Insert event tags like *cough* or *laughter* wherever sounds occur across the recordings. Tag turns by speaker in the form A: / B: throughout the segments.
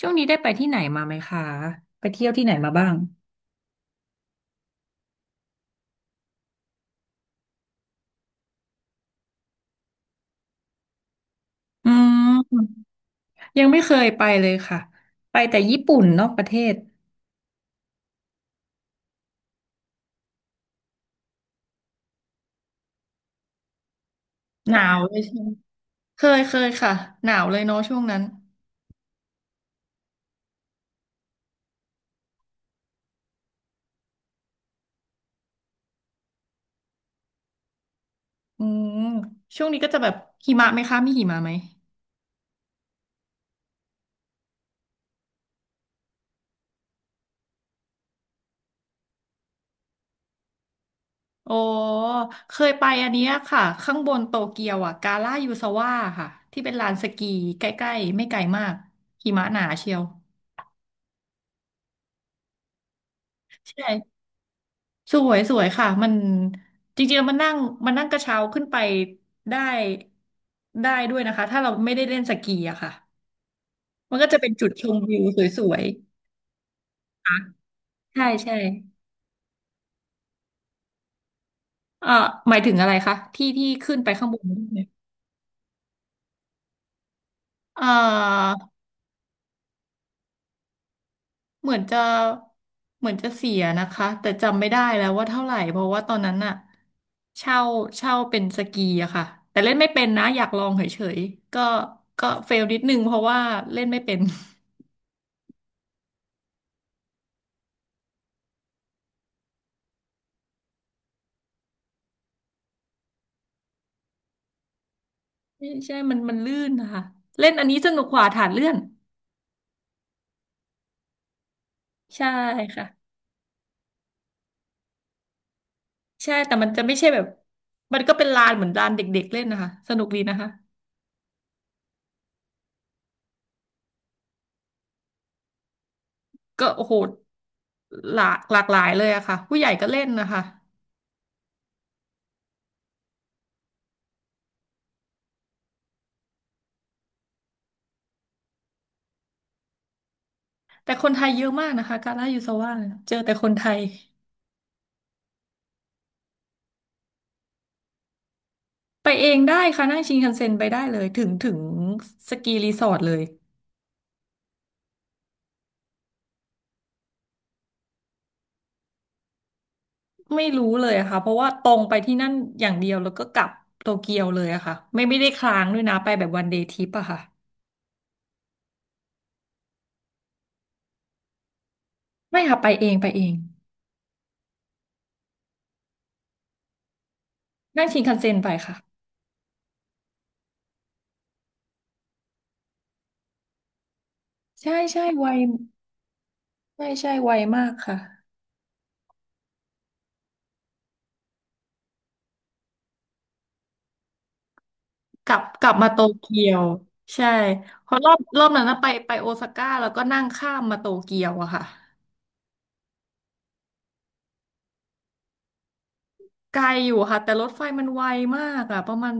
A: ช่วงนี้ได้ไปที่ไหนมาไหมคะไปเที่ยวที่ไหนมาบ้างอืมยังไม่เคยไปเลยค่ะ ไปแต่ญี่ปุ่นนอกประเทศหนาวเลยใช่ไหมเคยค่ะหนาวเลยเนาะช่วงนั้นอืมช่วงนี้ก็จะแบบหิมะไหมคะมีหิมะไหมโอ้เคยไปอันเนี้ยค่ะข้างบนโตเกียวอ่ะกาล่ายูซาวะค่ะที่เป็นลานสกีใกล้ๆไม่ไกลมากหิมะหนาเชียวใช่ สวยสวยค่ะมันจริงๆแล้วมันนั่งมันนั่งกระเช้าขึ้นไปได้ได้ด้วยนะคะถ้าเราไม่ได้เล่นสกีอะค่ะมันก็จะเป็นจุดชมวิวสวยๆค่ะใช่ใช่เอ่อหมายถึงอะไรคะที่ที่ขึ้นไปข้างบนได้ไหมเอ่อเหมือนจะเหมือนจะเสียนะคะแต่จำไม่ได้แล้วว่าเท่าไหร่เพราะว่าตอนนั้นอะเช่าเช่าเป็นสกีอะค่ะแต่เล่นไม่เป็นนะอยากลองเฉยๆก็เฟลนิดนึงเพราะว่าเล่นไม่เป็น ใช่ใช่มันลื่นนะคะเล่นอันนี้สนุกกว่าฐานเลื่อน ใช่ค่ะใช่แต่มันจะไม่ใช่แบบ มันก็เป็นลานเหมือนลานเด็กๆเล่นนะคะสนุกดีนะคะก็โอ้โหหลากหลายเลยอะค่ะ ผู้ใหญ่ก็เล่นนะคะแต่คนไทยเยอะมากนะคะกาลายูซาว่าเนี่ยเจอแต่คนไทย ไปเองได้ค่ะ นั่งชินคันเซ็นไปได้เลย ถึงสกีรีสอร์ทเลย ไม่รู้เลยอะค่ะเพราะว่าตรงไปที่นั่นอย่างเดียวแล้วก็กลับโตเกียวเลยอะค่ะไม่ได้ค้างด้วยนะไปแบบวันเดย์ทริปอะค่ะ ไม่ค่ะไปเองไปเองนั่งชินคันเซ็นไปค่ะใช่ใช่ไวใช่ใช่ไวมากค่ะกลับมาโตเกียวใช่เพราะรอบนั้นนะไปโอซาก้าแล้วก็นั่งข้ามมาโตเกียวอะค่ะไกลอยู่ค่ะแต่รถไฟมันไวมากอะประมาณ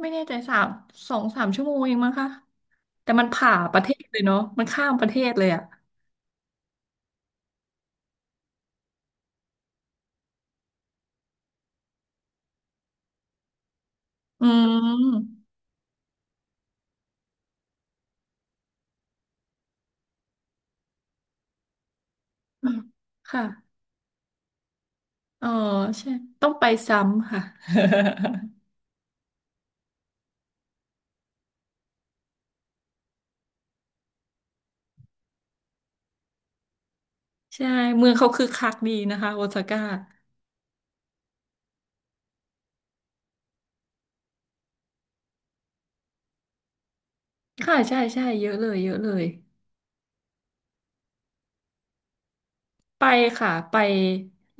A: ไม่แน่ใจสามสองสามชั่วโมงเองมั้งคะแต่มันผ่าประเทศเลยเนาะมันข้ามประเทศเลยอะอืมค่ะเออใช่ต้องไปซ้ำค่ะ *laughs* ใช่เมืองเขาคึกคักดีนะคะโอซาก้าค่ะใช่ใช่เยอะเลยเยอะเลยไปค่ะไป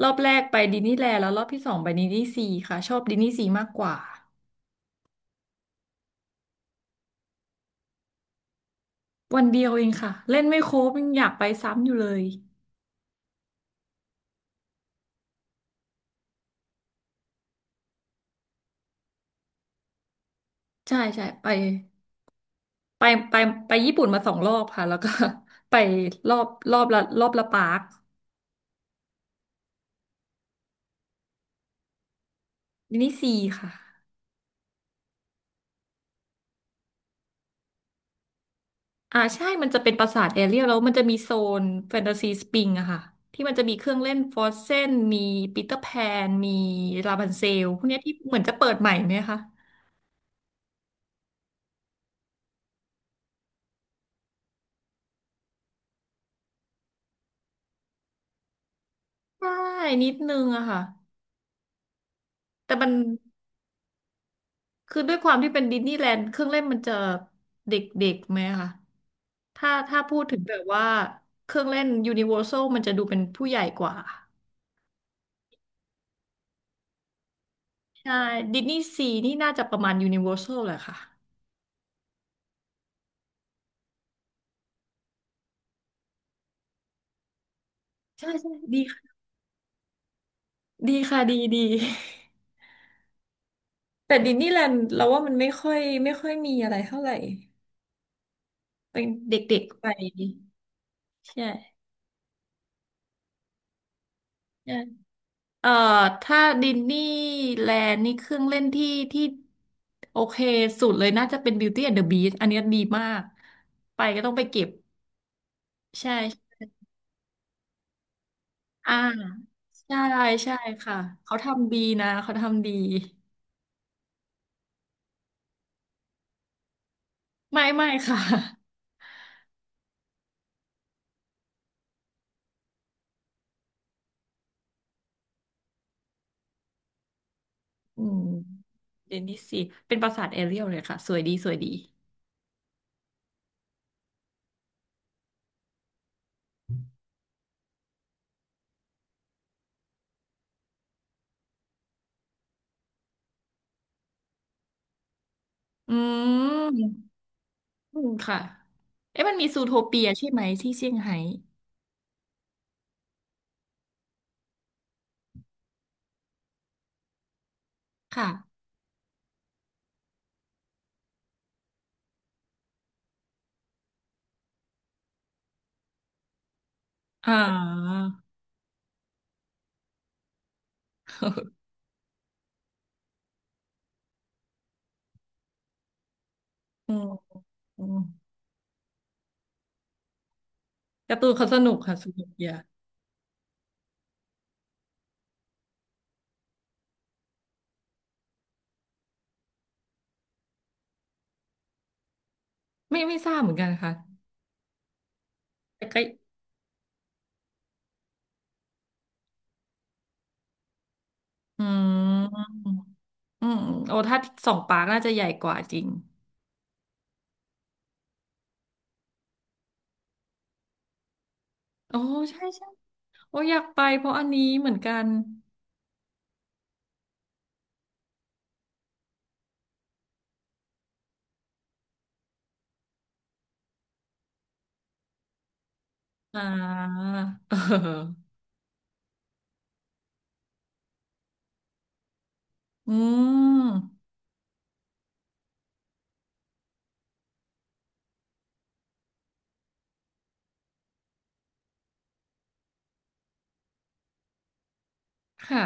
A: รอบแรกไปดิสนีย์แลนด์แล้วรอบที่สองไปดิสนีย์ซีค่ะชอบดิสนีย์ซีมากกว่าวันเดียวเองค่ะเล่นไม่ครบยังอยากไปซ้ำอยู่เลยใช่ใช่ไปไปไปญี่ปุ่นมา2 รอบค่ะแล้วก็ *laughs* ไปรอบละรอบละปาร์คดิสนีย์ซีค่ะ อ่าใช่มันจะเป็นปราสาทแอเรียลแล้วมันจะมีโซนแฟนตาซีสปริงอะค่ะที่มันจะมีเครื่องเล่นฟรอสเซนมีปีเตอร์แพนมีลาบันเซลพวกเนี้ยที่เหมือนจะเปิดใหม่ไหมคะใช่นิดนึงอะค่ะแต่มันคือด้วยความที่เป็นดิสนีย์แลนด์เครื่องเล่นมันจะเด็กๆไหมคะถ้าพูดถึงแบบว่าเครื่องเล่นยูนิเวอร์แซลมันจะดูเป็นผู้ใหญ่กว่าใช่ดิสนีย์ซีนี่น่าจะประมาณยูนิเวอร์แซลแหละค่ะใช่ใช่ดีค่ะดีค่ะดีดี แต่ดิสนีย์แลนด์เราว่ามันไม่ค่อยมีอะไรเท่าไหร่เป็นเด็กๆไปใช่ใช่เอ่อถ้าดิสนีย์แลนด์นี่เครื่องเล่นที่โอเคสุดเลยน่าจะเป็น Beauty and the Beast อันเนี้ยดีมากไปก็ต้องไปเก็บใช่ใช่อ่าใช่ใช่ค่ะเขาทำดีนะเขาทำดีไม่ค่ะ *laughs* อืมเดนนิสสิเป็นปราสาทแอเรียลเลยค่ะสวยดีสวยดีอืม อืมค่ะเอ๊ะมันมีซูโทเปียใช่ไหมที่เซี่ยงไฮ้ค่ะอ่า *laughs* อืมอืมการ์ตูนเขาสนุกค่ะสนุกเยอะไม่ทราบเหมือนกันค่ะแต่ก็อืมอืมโอ้ถ้าสองปาร์คน่าจะใหญ่กว่าจริงโอ้ใช่ใช่โอ้อยากไปเพราะอันนี้เหมือนกันอ่า *laughs* เอออืมค่ะ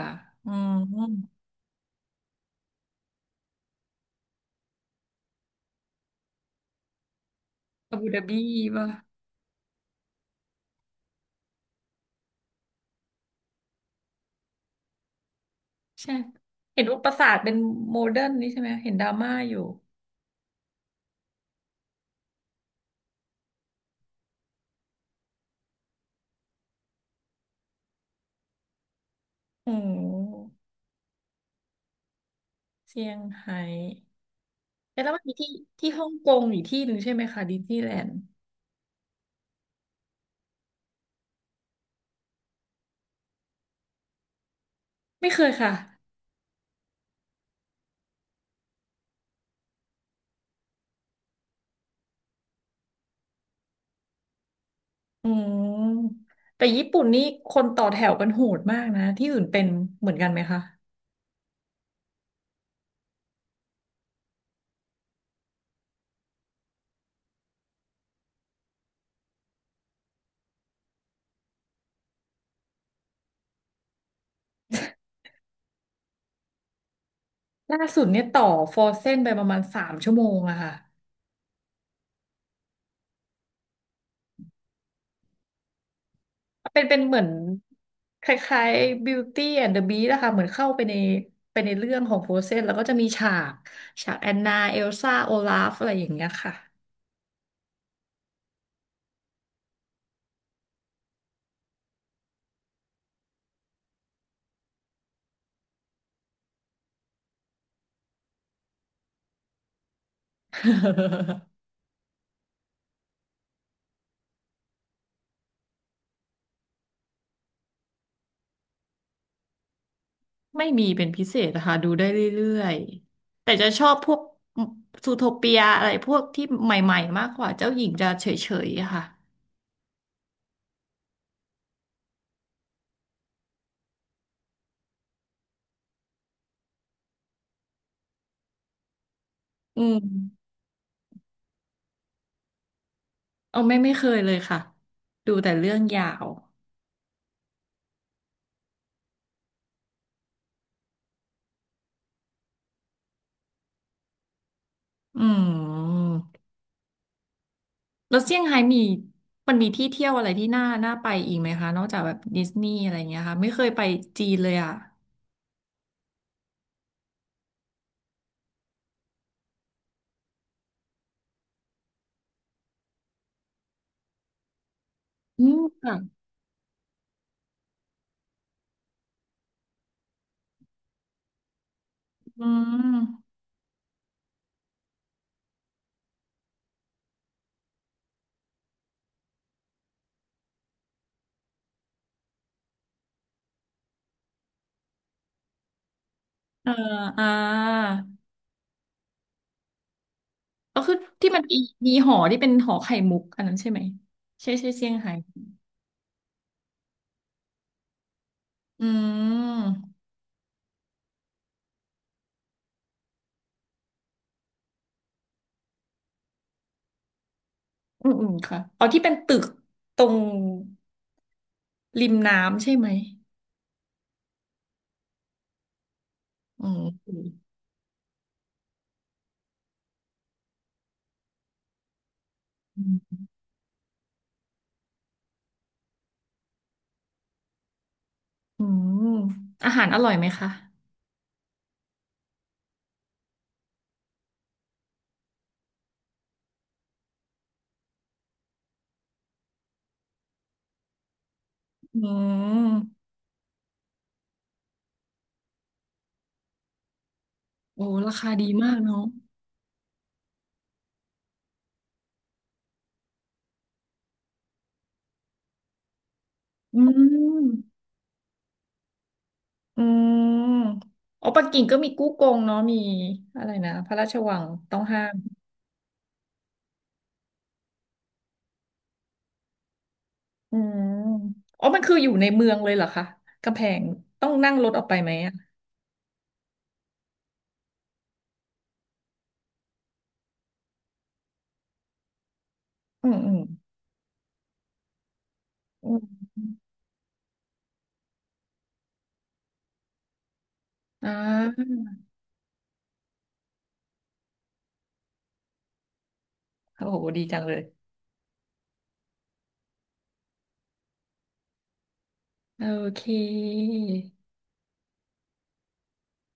A: อืมอาบูดาบีป่ะใช่เห็นว่าปราสาทเป็นโมเดิร์นนี่ใช่ไหมเห็นดราม่าอยู่ โอ้เซี่ยงไฮ้แต่แล้วมันมีที่ฮ่องกงอีกที่หนึ่งใช่ไหมคะดิสนีย์แลนด์ไม่เคยค่ะอืมแต่ญี่ปุ่นนี่คนต่อแถวกันโหดมากนะที่อื่นเป็นเหมือนกันไหมคะล่าสุดเนี่ยต่อฟอร์เซนไปประมาณสามชั่วโมงอะค่ะเป็นเหมือนคล้ายๆ Beauty and the Beast นะคะเหมือนเข้าไปในไปในเรื่องของฟอร์เซนแล้วก็จะมีฉากแอนนาเอลซ่าโอลาฟอะไรอย่างเงี้ยค่ะ ไม่มีเป็นพิเศษนะคะดูได้เรื่อยๆแต่จะชอบพวกซูโทเปียอะไรพวกที่ใหม่ๆมากกว่าเจ้าหญิงจะเฉยๆอะค่ะอืมเอาไม่เคยเลยค่ะดูแต่เรื่องยาวอืมแล้วเซี่ยงไฮ้มีมันมีที่เที่ยวอะไรที่น่าน่าไปอีกไหมคะนอกจากแบบดิสนีย์อะไรอย่างเงี้ยค่ะไม่เคยไปจีนเลยอ่ะอืมค่ะอืมเอ่ออ่าก็คือที่มันมีมีหอที่เป็นหอไข่มุกอันนั้นใช่ไหมใช่ใช่เซี่ยงไฮ้ อืมอืมอืมค่ะออที่เป็นตึกตรงริมน้ำใช่ไหมอืมอืมอืมอาหารอร่อยไหมคะอืมโอ้ราคาดีมากเนาะอืมอืมอ๋อปักกิ่งก็มีกู้กงเนาะ มีอะไรนะพระราชวังต้องห้ามอืมอ๋อมันคืออยู่ในเมืองเลยเหรอคะ กำแพงต้องนั่งรถออกไปไหมอ่ะอืมอืมอืมอ่าโอ้โหดีจังเลย โอเค